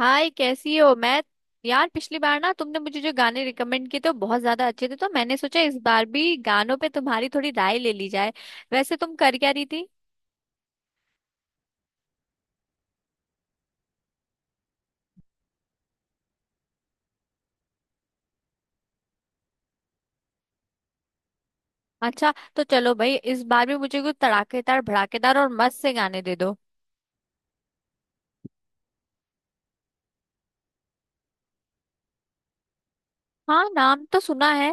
हाय, कैसी हो। मैं यार, पिछली बार ना तुमने मुझे जो गाने रिकमेंड किए थे वो बहुत ज्यादा अच्छे थे, तो मैंने सोचा इस बार भी गानों पे तुम्हारी थोड़ी राय ले ली जाए। वैसे तुम कर क्या रही थी? अच्छा, तो चलो भाई, इस बार भी मुझे कुछ तड़ाकेदार भड़ाकेदार और मस्त से गाने दे दो। हाँ, नाम तो सुना है।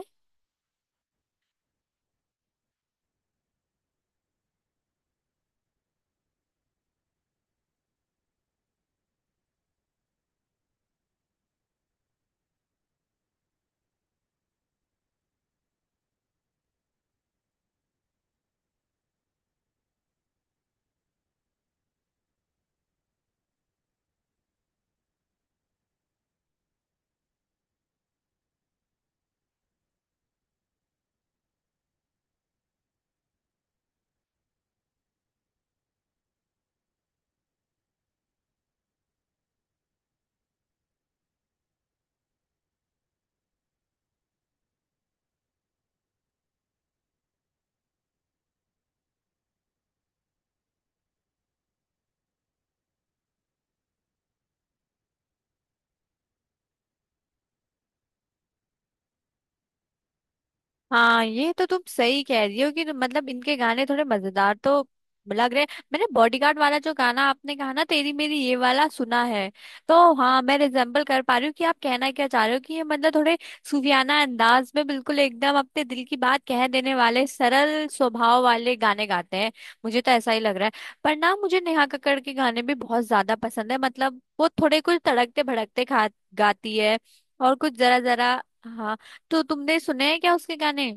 हाँ, ये तो तुम सही कह रही हो कि मतलब इनके गाने थोड़े मजेदार तो लग रहे हैं। मैंने बॉडीगार्ड वाला जो गाना आपने कहा ना, तेरी मेरी, ये वाला सुना है। तो हाँ, मैं रिजेम्बल कर पा रही हूँ कि आप कहना क्या चाह रहे हो, कि ये मतलब थोड़े सूफियाना अंदाज में बिल्कुल एकदम अपने दिल की बात कह देने वाले सरल स्वभाव वाले गाने गाते हैं। मुझे तो ऐसा ही लग रहा है। पर ना, मुझे नेहा कक्कड़ के गाने भी बहुत ज्यादा पसंद है, मतलब वो थोड़े कुछ तड़कते भड़कते खा गाती है। और कुछ जरा जरा। हाँ, तो तुमने सुने हैं क्या उसके गाने?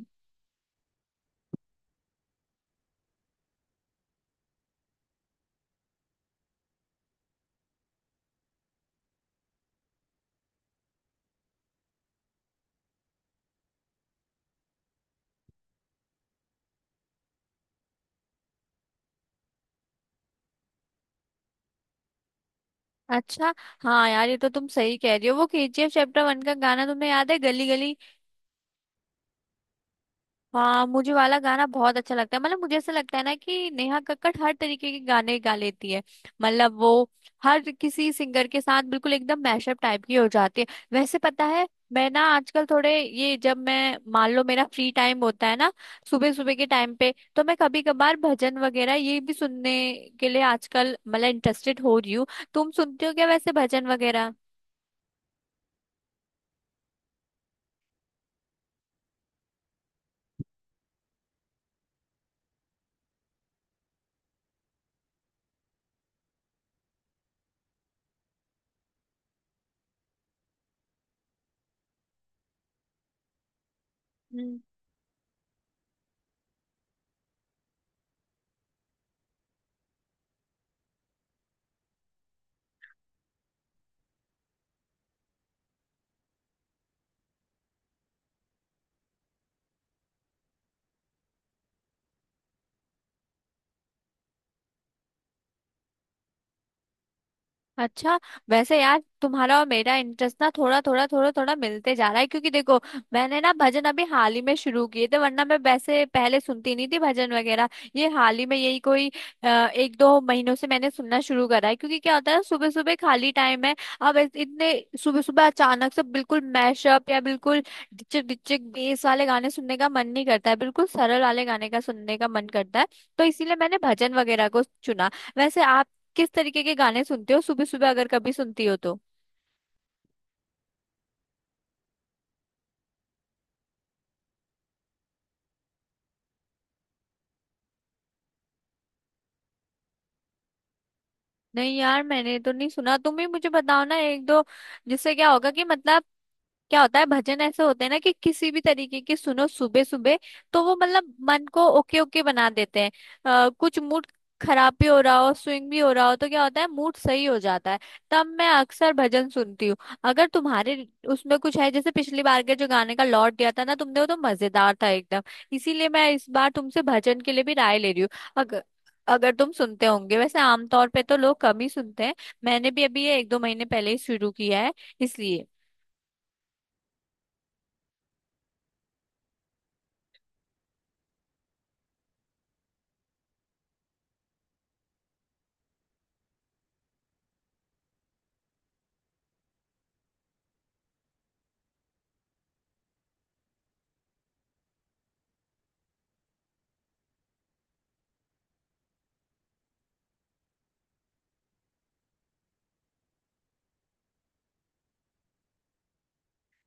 अच्छा। हाँ यार, ये तो तुम सही कह रही हो। वो केजीएफ चैप्टर 1 का गाना तुम्हें याद है, गली गली? हाँ, मुझे वाला गाना बहुत अच्छा लगता है। मतलब मुझे ऐसा लगता है ना कि नेहा कक्कड़ हर तरीके के गाने गा लेती है। मतलब वो हर किसी सिंगर के साथ बिल्कुल एकदम मैशअप टाइप की हो जाती है। वैसे पता है, मैं ना आजकल थोड़े ये, जब मैं मान लो मेरा फ्री टाइम होता है ना, सुबह सुबह के टाइम पे, तो मैं कभी कभार भजन वगैरह ये भी सुनने के लिए आजकल मतलब इंटरेस्टेड हो रही हूँ। तुम सुनते हो क्या वैसे भजन वगैरह? हम्म अच्छा। वैसे यार, तुम्हारा और मेरा इंटरेस्ट ना थोड़ा थोड़ा थोड़ा थोड़ा मिलते जा रहा है, क्योंकि देखो, मैंने ना भजन अभी हाल ही में शुरू किए थे, वरना मैं वैसे पहले सुनती नहीं थी भजन वगैरह। ये हाल ही में, यही कोई एक दो महीनों से मैंने सुनना शुरू करा है, क्योंकि क्या होता है, सुबह सुबह खाली टाइम है। अब इतने सुबह सुबह अचानक से बिल्कुल मैशअप या बिल्कुल डिचक डिचक बेस वाले गाने सुनने का मन नहीं करता है, बिल्कुल सरल वाले गाने का सुनने का मन करता है। तो इसीलिए मैंने भजन वगैरह को चुना। वैसे आप किस तरीके के गाने सुनते हो सुबह सुबह, अगर कभी सुनती हो तो? नहीं यार, मैंने तो नहीं सुना। तुम ही मुझे बताओ ना एक दो, जिससे क्या होगा कि मतलब, क्या होता है, भजन ऐसे होते हैं ना कि किसी भी तरीके के सुनो सुबह सुबह, तो वो मतलब मन को ओके ओके बना देते हैं। कुछ मूड खराब भी हो रहा हो, स्विंग भी हो रहा हो, तो क्या होता है, मूड सही हो जाता है। तब मैं अक्सर भजन सुनती हूँ। अगर तुम्हारे उसमें कुछ है, जैसे पिछली बार के जो गाने का लॉट दिया था ना तुमने, वो तो मजेदार था एकदम, इसीलिए मैं इस बार तुमसे भजन के लिए भी राय ले रही हूँ। अगर अगर तुम सुनते होंगे, वैसे आमतौर पे तो लोग कम ही सुनते हैं, मैंने भी अभी ये एक दो महीने पहले ही शुरू किया है, इसलिए।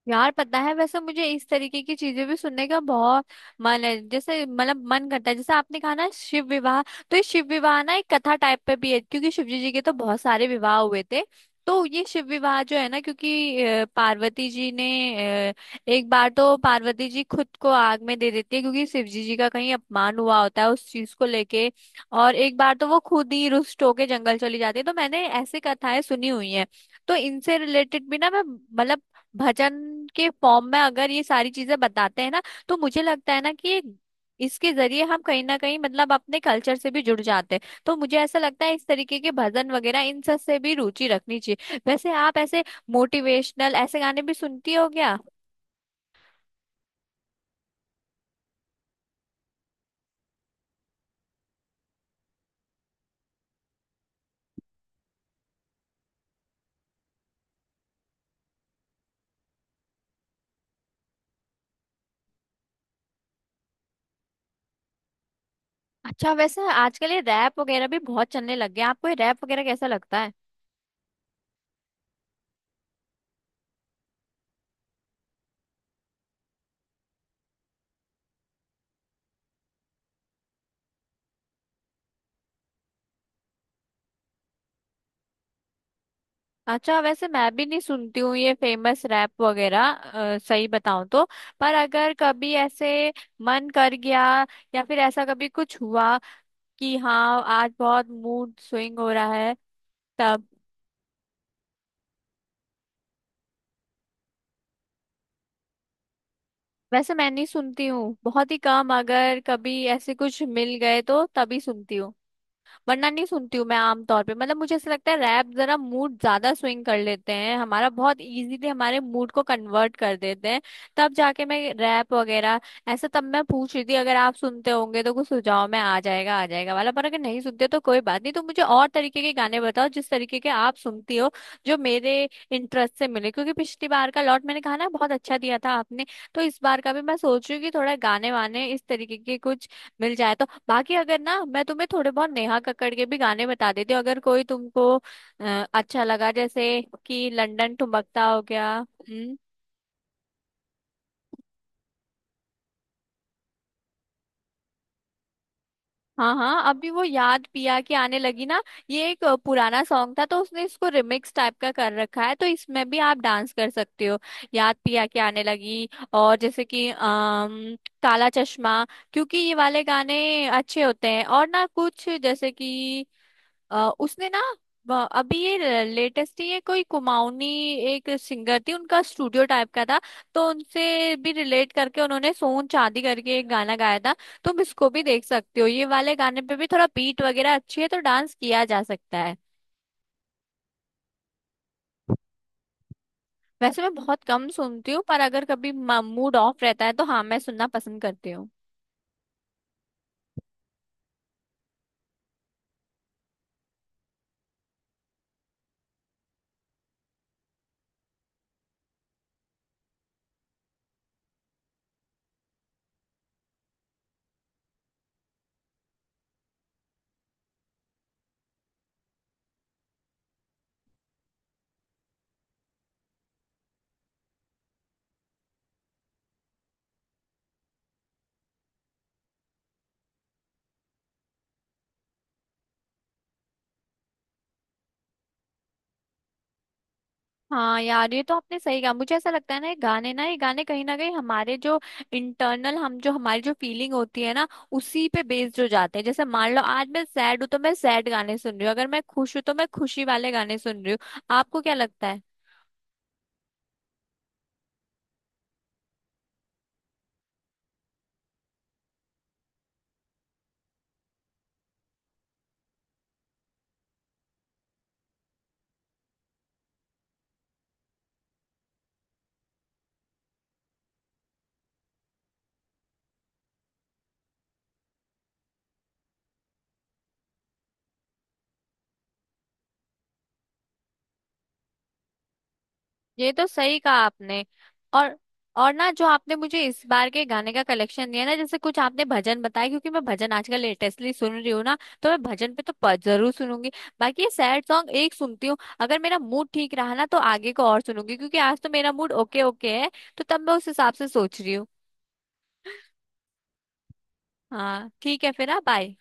यार पता है, वैसे मुझे इस तरीके की चीजें भी सुनने का बहुत मन है। जैसे मतलब मन करता है, जैसे आपने कहा ना शिव विवाह, तो ये शिव विवाह ना एक कथा टाइप पे भी है, क्योंकि शिव जी जी के तो बहुत सारे विवाह हुए थे। तो ये शिव विवाह जो है ना, क्योंकि पार्वती जी ने एक बार तो पार्वती जी खुद को आग में दे देती है, क्योंकि शिव जी जी का कहीं अपमान हुआ होता है उस चीज को लेके। और एक बार तो वो खुद ही रुष्ट होके जंगल चली जाती है, तो मैंने ऐसी कथाएं सुनी हुई हैं। तो इनसे रिलेटेड भी ना, मैं मतलब भजन के फॉर्म में अगर ये सारी चीजें बताते हैं ना, तो मुझे लगता है ना कि इसके जरिए हम कहीं ना कहीं मतलब अपने कल्चर से भी जुड़ जाते हैं। तो मुझे ऐसा लगता है, इस तरीके के भजन वगैरह इन सब से भी रुचि रखनी चाहिए। वैसे आप ऐसे मोटिवेशनल ऐसे गाने भी सुनती हो क्या? अच्छा, वैसे आजकल ये रैप वगैरह भी बहुत चलने लग गया, आपको ये रैप वगैरह कैसा लगता है? अच्छा, वैसे मैं भी नहीं सुनती हूँ ये फेमस रैप वगैरह, सही बताऊं तो। पर अगर कभी ऐसे मन कर गया, या फिर ऐसा कभी कुछ हुआ कि हाँ आज बहुत मूड स्विंग हो रहा है, तब। वैसे मैं नहीं सुनती हूँ, बहुत ही कम, अगर कभी ऐसे कुछ मिल गए तो तभी सुनती हूँ, वरना नहीं सुनती हूँ मैं आमतौर पे। मतलब मुझे ऐसा लगता है, रैप जरा मूड ज्यादा स्विंग कर लेते हैं हमारा, बहुत इजीली हमारे मूड को कन्वर्ट कर देते हैं। तब जाके मैं रैप वगैरह ऐसा, तब मैं पूछ रही थी अगर आप सुनते होंगे तो कुछ सुझाव में आ जाएगा वाला। पर अगर नहीं सुनते तो कोई बात नहीं, तो मुझे और तरीके के गाने बताओ जिस तरीके के आप सुनती हो, जो मेरे इंटरेस्ट से मिले, क्योंकि पिछली बार का लॉट मैंने कहा ना बहुत अच्छा दिया था आपने, तो इस बार का भी मैं सोच रही हूँ कि थोड़ा गाने वाने इस तरीके के कुछ मिल जाए। तो बाकी अगर ना, मैं तुम्हें थोड़े बहुत नेहा कक्कड़ के भी गाने बता देती हूँ, अगर कोई तुमको अच्छा लगा, जैसे कि लंदन ठुमकता हो गया। हम्म। हाँ हाँ, अभी वो याद पिया के आने लगी ना, ये एक पुराना सॉन्ग था, तो उसने इसको रिमिक्स टाइप का कर रखा है, तो इसमें भी आप डांस कर सकते हो, याद पिया के आने लगी। और जैसे कि काला चश्मा, क्योंकि ये वाले गाने अच्छे होते हैं। और ना कुछ जैसे कि उसने ना अभी ये लेटेस्ट ही, ये कोई कुमाऊनी एक सिंगर थी, उनका स्टूडियो टाइप का था, तो उनसे भी रिलेट करके उन्होंने सोन चांदी करके एक गाना गाया था। तुम इसको भी देख सकते हो, ये वाले गाने पे भी थोड़ा बीट वगैरह अच्छी है, तो डांस किया जा सकता है। वैसे मैं बहुत कम सुनती हूँ, पर अगर कभी मूड ऑफ रहता है तो हाँ, मैं सुनना पसंद करती हूँ। हाँ यार, ये तो आपने सही कहा। मुझे ऐसा लगता है ना, ये गाने ना, ये गाने कहीं ना कहीं हमारे जो इंटरनल हम, जो हमारी जो फीलिंग होती है ना, उसी पे बेस्ड हो जाते हैं। जैसे मान लो आज मैं सैड हूँ तो मैं सैड गाने सुन रही हूँ, अगर मैं खुश हूँ तो मैं खुशी वाले गाने सुन रही हूँ। आपको क्या लगता है? ये तो सही कहा आपने। और और ना, जो आपने मुझे इस बार के गाने का कलेक्शन दिया ना, जैसे कुछ आपने भजन बताया, क्योंकि मैं भजन आजकल लेटेस्टली सुन रही हूँ ना, तो मैं भजन पे तो जरूर सुनूंगी। बाकी ये सैड सॉन्ग एक सुनती हूँ, अगर मेरा मूड ठीक रहा ना तो आगे को और सुनूंगी, क्योंकि आज तो मेरा मूड ओके ओके है, तो तब मैं उस हिसाब से सोच रही हूँ। हाँ ठीक है फिर। हाँ, बाय।